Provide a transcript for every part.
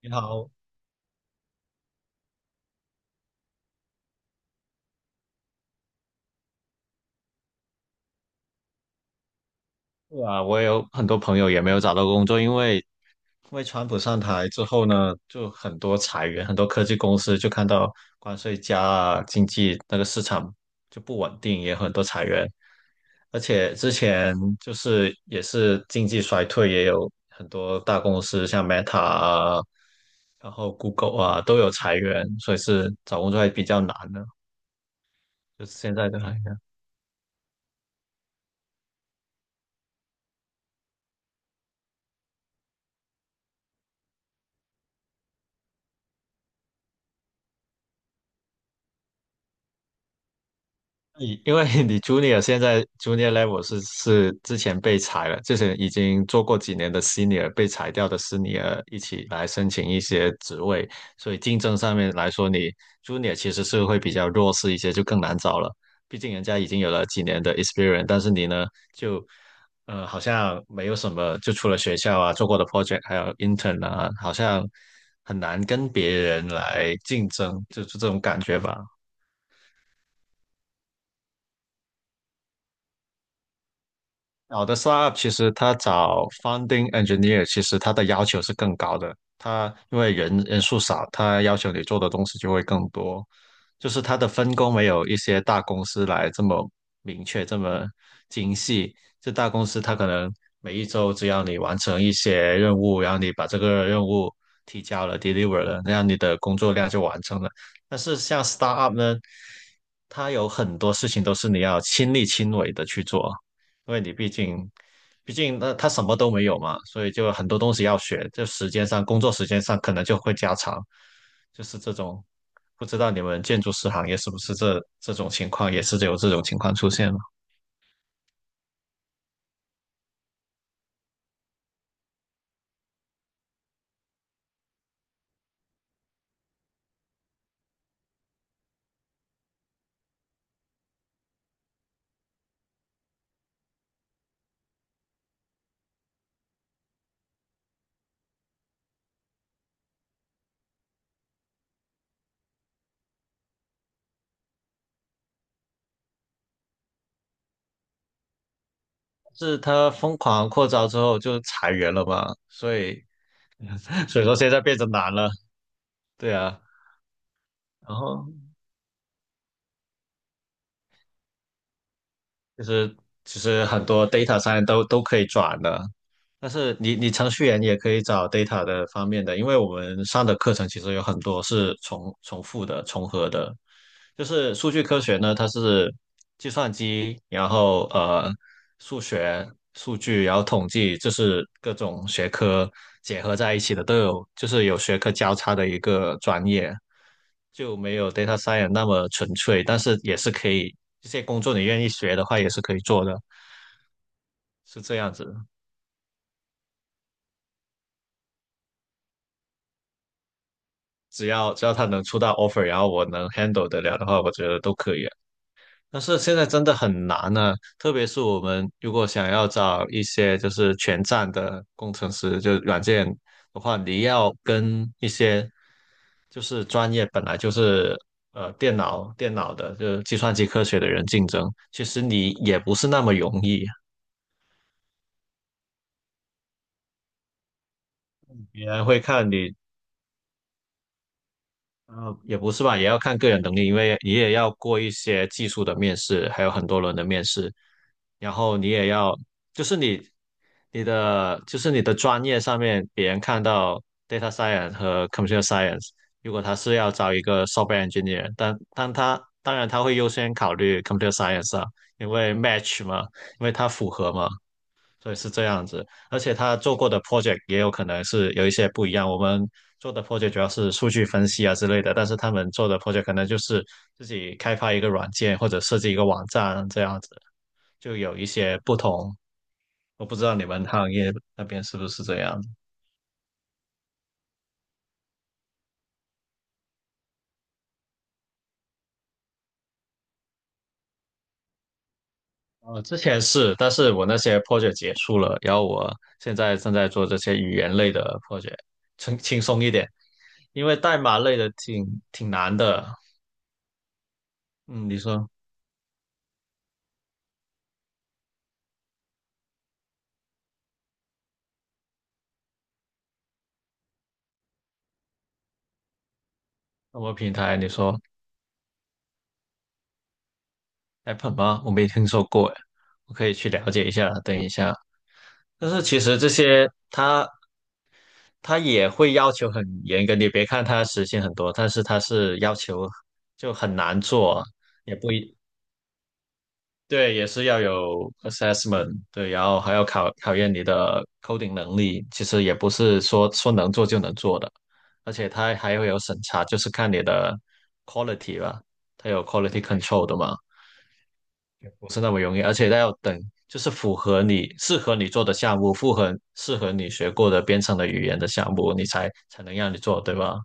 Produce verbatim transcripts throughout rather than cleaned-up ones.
你好。啊，我有很多朋友也没有找到工作，因为因为川普上台之后呢，就很多裁员，很多科技公司就看到关税加啊，经济那个市场就不稳定，也很多裁员，而且之前就是也是经济衰退，也有很多大公司像 Meta 啊，然后 Google 啊都有裁员，所以是找工作还比较难的，就是现在都还。你因为你 junior 现在 junior level 是是之前被裁了，之前已经做过几年的 senior 被裁掉的 senior 一起来申请一些职位，所以竞争上面来说，你 junior 其实是会比较弱势一些，就更难找了。毕竟人家已经有了几年的 experience，但是你呢，就呃好像没有什么，就除了学校啊做过的 project，还有 intern 啊，好像很难跟别人来竞争，就是这种感觉吧。好的 startup 其实它找 founding engineer，其实它的要求是更高的。它因为人人数少，它要求你做的东西就会更多。就是它的分工没有一些大公司来这么明确、这么精细。这大公司它可能每一周只要你完成一些任务，然后你把这个任务提交了、deliver 了，那样你的工作量就完成了。但是像 startup 呢，它有很多事情都是你要亲力亲为的去做。因为你毕竟，毕竟那他什么都没有嘛，所以就很多东西要学，就时间上、工作时间上可能就会加长，就是这种。不知道你们建筑师行业是不是这这种情况，也是有这种情况出现吗？是他疯狂扩招之后就裁员了嘛，所以 所以说现在变得难了，对啊。然后就是其实很多 data 上面都都可以转的，但是你你程序员也可以找 data 的方面的，因为我们上的课程其实有很多是重重复的、重合的，就是数据科学呢，它是计算机，然后呃数学、数据，然后统计，就是各种学科结合在一起的，都有就是有学科交叉的一个专业。就没有 data science 那么纯粹，但是也是可以，这些工作你愿意学的话也是可以做的，是这样子的。只要只要他能出到 offer，然后我能 handle 得了的话，我觉得都可以啊。但是现在真的很难呢、特别是我们如果想要找一些就是全站的工程师，就是软件的话，你要跟一些就是专业本来就是呃电脑电脑的，就是计算机科学的人竞争，其实你也不是那么容易。别人会看你，呃，也不是吧，也要看个人能力，因为你也要过一些技术的面试，还有很多轮的面试，然后你也要，就是你，你的，就是你的专业上面，别人看到 data science 和 computer science，如果他是要招一个 software engineer，但但他当然他会优先考虑 computer science 啊，因为 match 嘛，因为它符合嘛，所以是这样子，而且他做过的 project 也有可能是有一些不一样。我们做的 project 主要是数据分析啊之类的，但是他们做的 project 可能就是自己开发一个软件或者设计一个网站这样子，就有一些不同。我不知道你们行业那边是不是这样。呃，之前是，但是我那些 project 结束了，然后我现在正在做这些语言类的 project，轻轻松一点，因为代码类的挺挺难的。嗯，你说什么平台？你说。Apple 吗？我没听说过诶，我可以去了解一下。等一下，但是其实这些它它也会要求很严格，你别看它实现很多，但是它是要求就很难做，也不一，对，也是要有 assessment，对，然后还要考考验你的 coding 能力，其实也不是说说能做就能做的，而且它还会有审查，就是看你的 quality 吧，它有 quality control 的嘛。不是那么容易，而且它要等，就是符合你适合你做的项目，符合适合你学过的编程的语言的项目，你才才能让你做，对吧？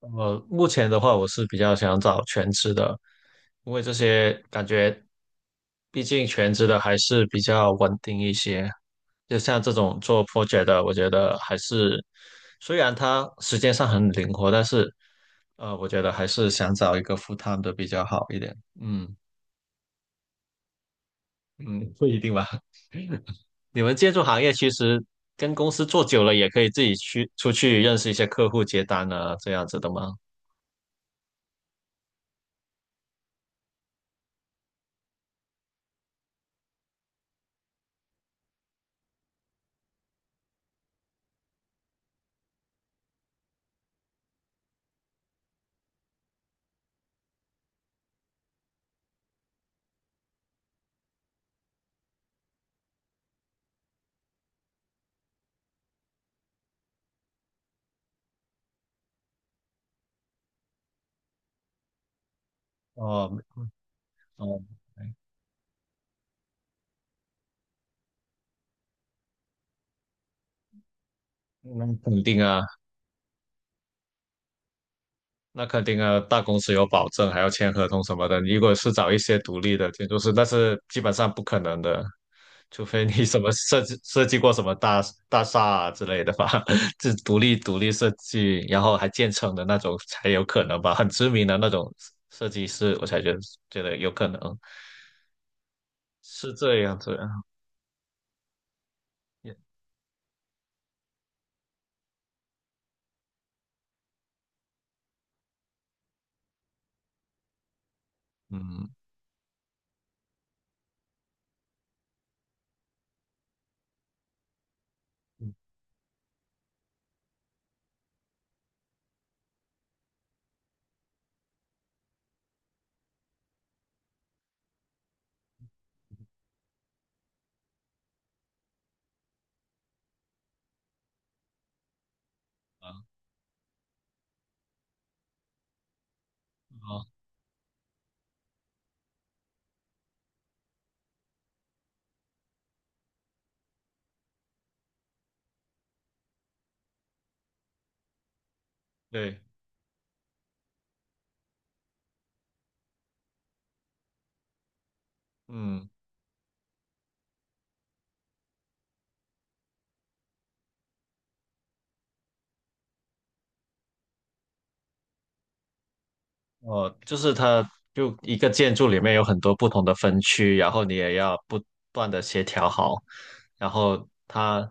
呃，目前的话，我是比较想找全职的，因为这些感觉，毕竟全职的还是比较稳定一些。就像这种做 project 的，我觉得还是，虽然它时间上很灵活，但是呃，我觉得还是想找一个 full time 的比较好一点。嗯。嗯，不一定吧。你们建筑行业其实跟公司做久了，也可以自己去出去认识一些客户、接单啊，这样子的吗？哦。哦，那肯定啊，那肯定啊，大公司有保证，还要签合同什么的。如果是找一些独立的建筑师，那是基本上不可能的，除非你什么设计 设计过什么大大厦啊之类的吧，是独立独立设计，然后还建成的那种才有可能吧，很知名的那种设计师，我才觉得觉得有可能。是这样子，也嗯。嗯啊。哦。对，嗯。哦，就是它就一个建筑里面有很多不同的分区，然后你也要不断的协调好，然后它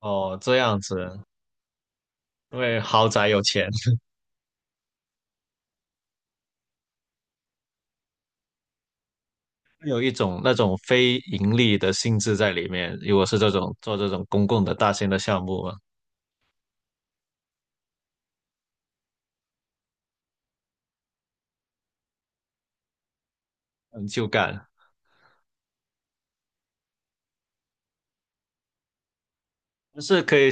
哦这样子，因为豪宅有钱。有一种那种非盈利的性质在里面。如果是这种做这种公共的大型的项目嘛，很就干。就是可以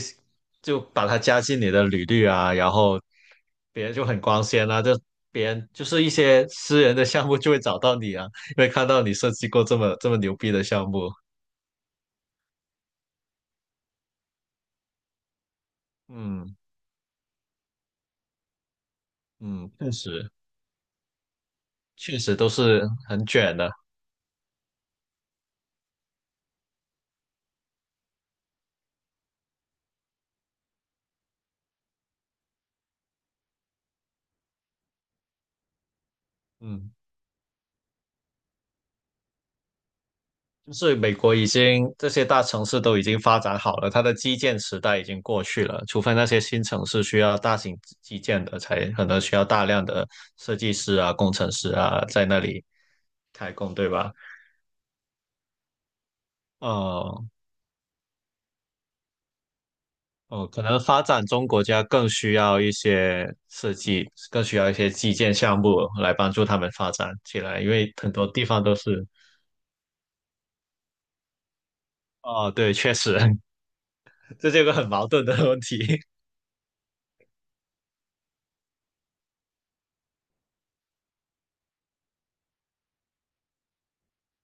就把它加进你的履历啊，然后别人就很光鲜啊，就别人就是一些私人的项目就会找到你啊，因为看到你设计过这么这么牛逼的项目，嗯。嗯，确实确实都是很卷的。嗯，就是美国已经这些大城市都已经发展好了，它的基建时代已经过去了，除非那些新城市需要大型基建的，才可能需要大量的设计师啊、工程师啊在那里开工，对吧？哦。哦，可能发展中国家更需要一些设计，更需要一些基建项目来帮助他们发展起来，因为很多地方都是，哦，对，确实。这是一个很矛盾的问题。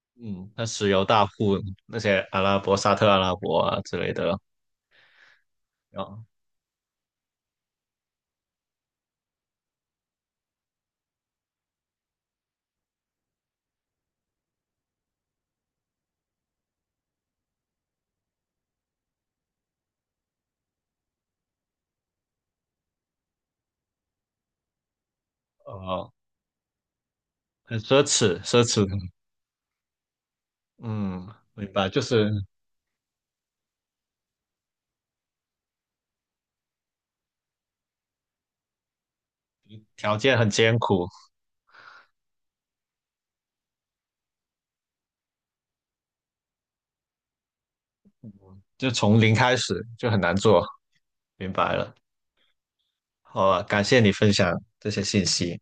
嗯，那石油大户那些阿拉伯、沙特阿拉伯啊之类的，然后呃，很奢侈，奢侈。嗯，明白，就是条件很艰苦，就从零开始就很难做，明白了。好啊，感谢你分享这些信息。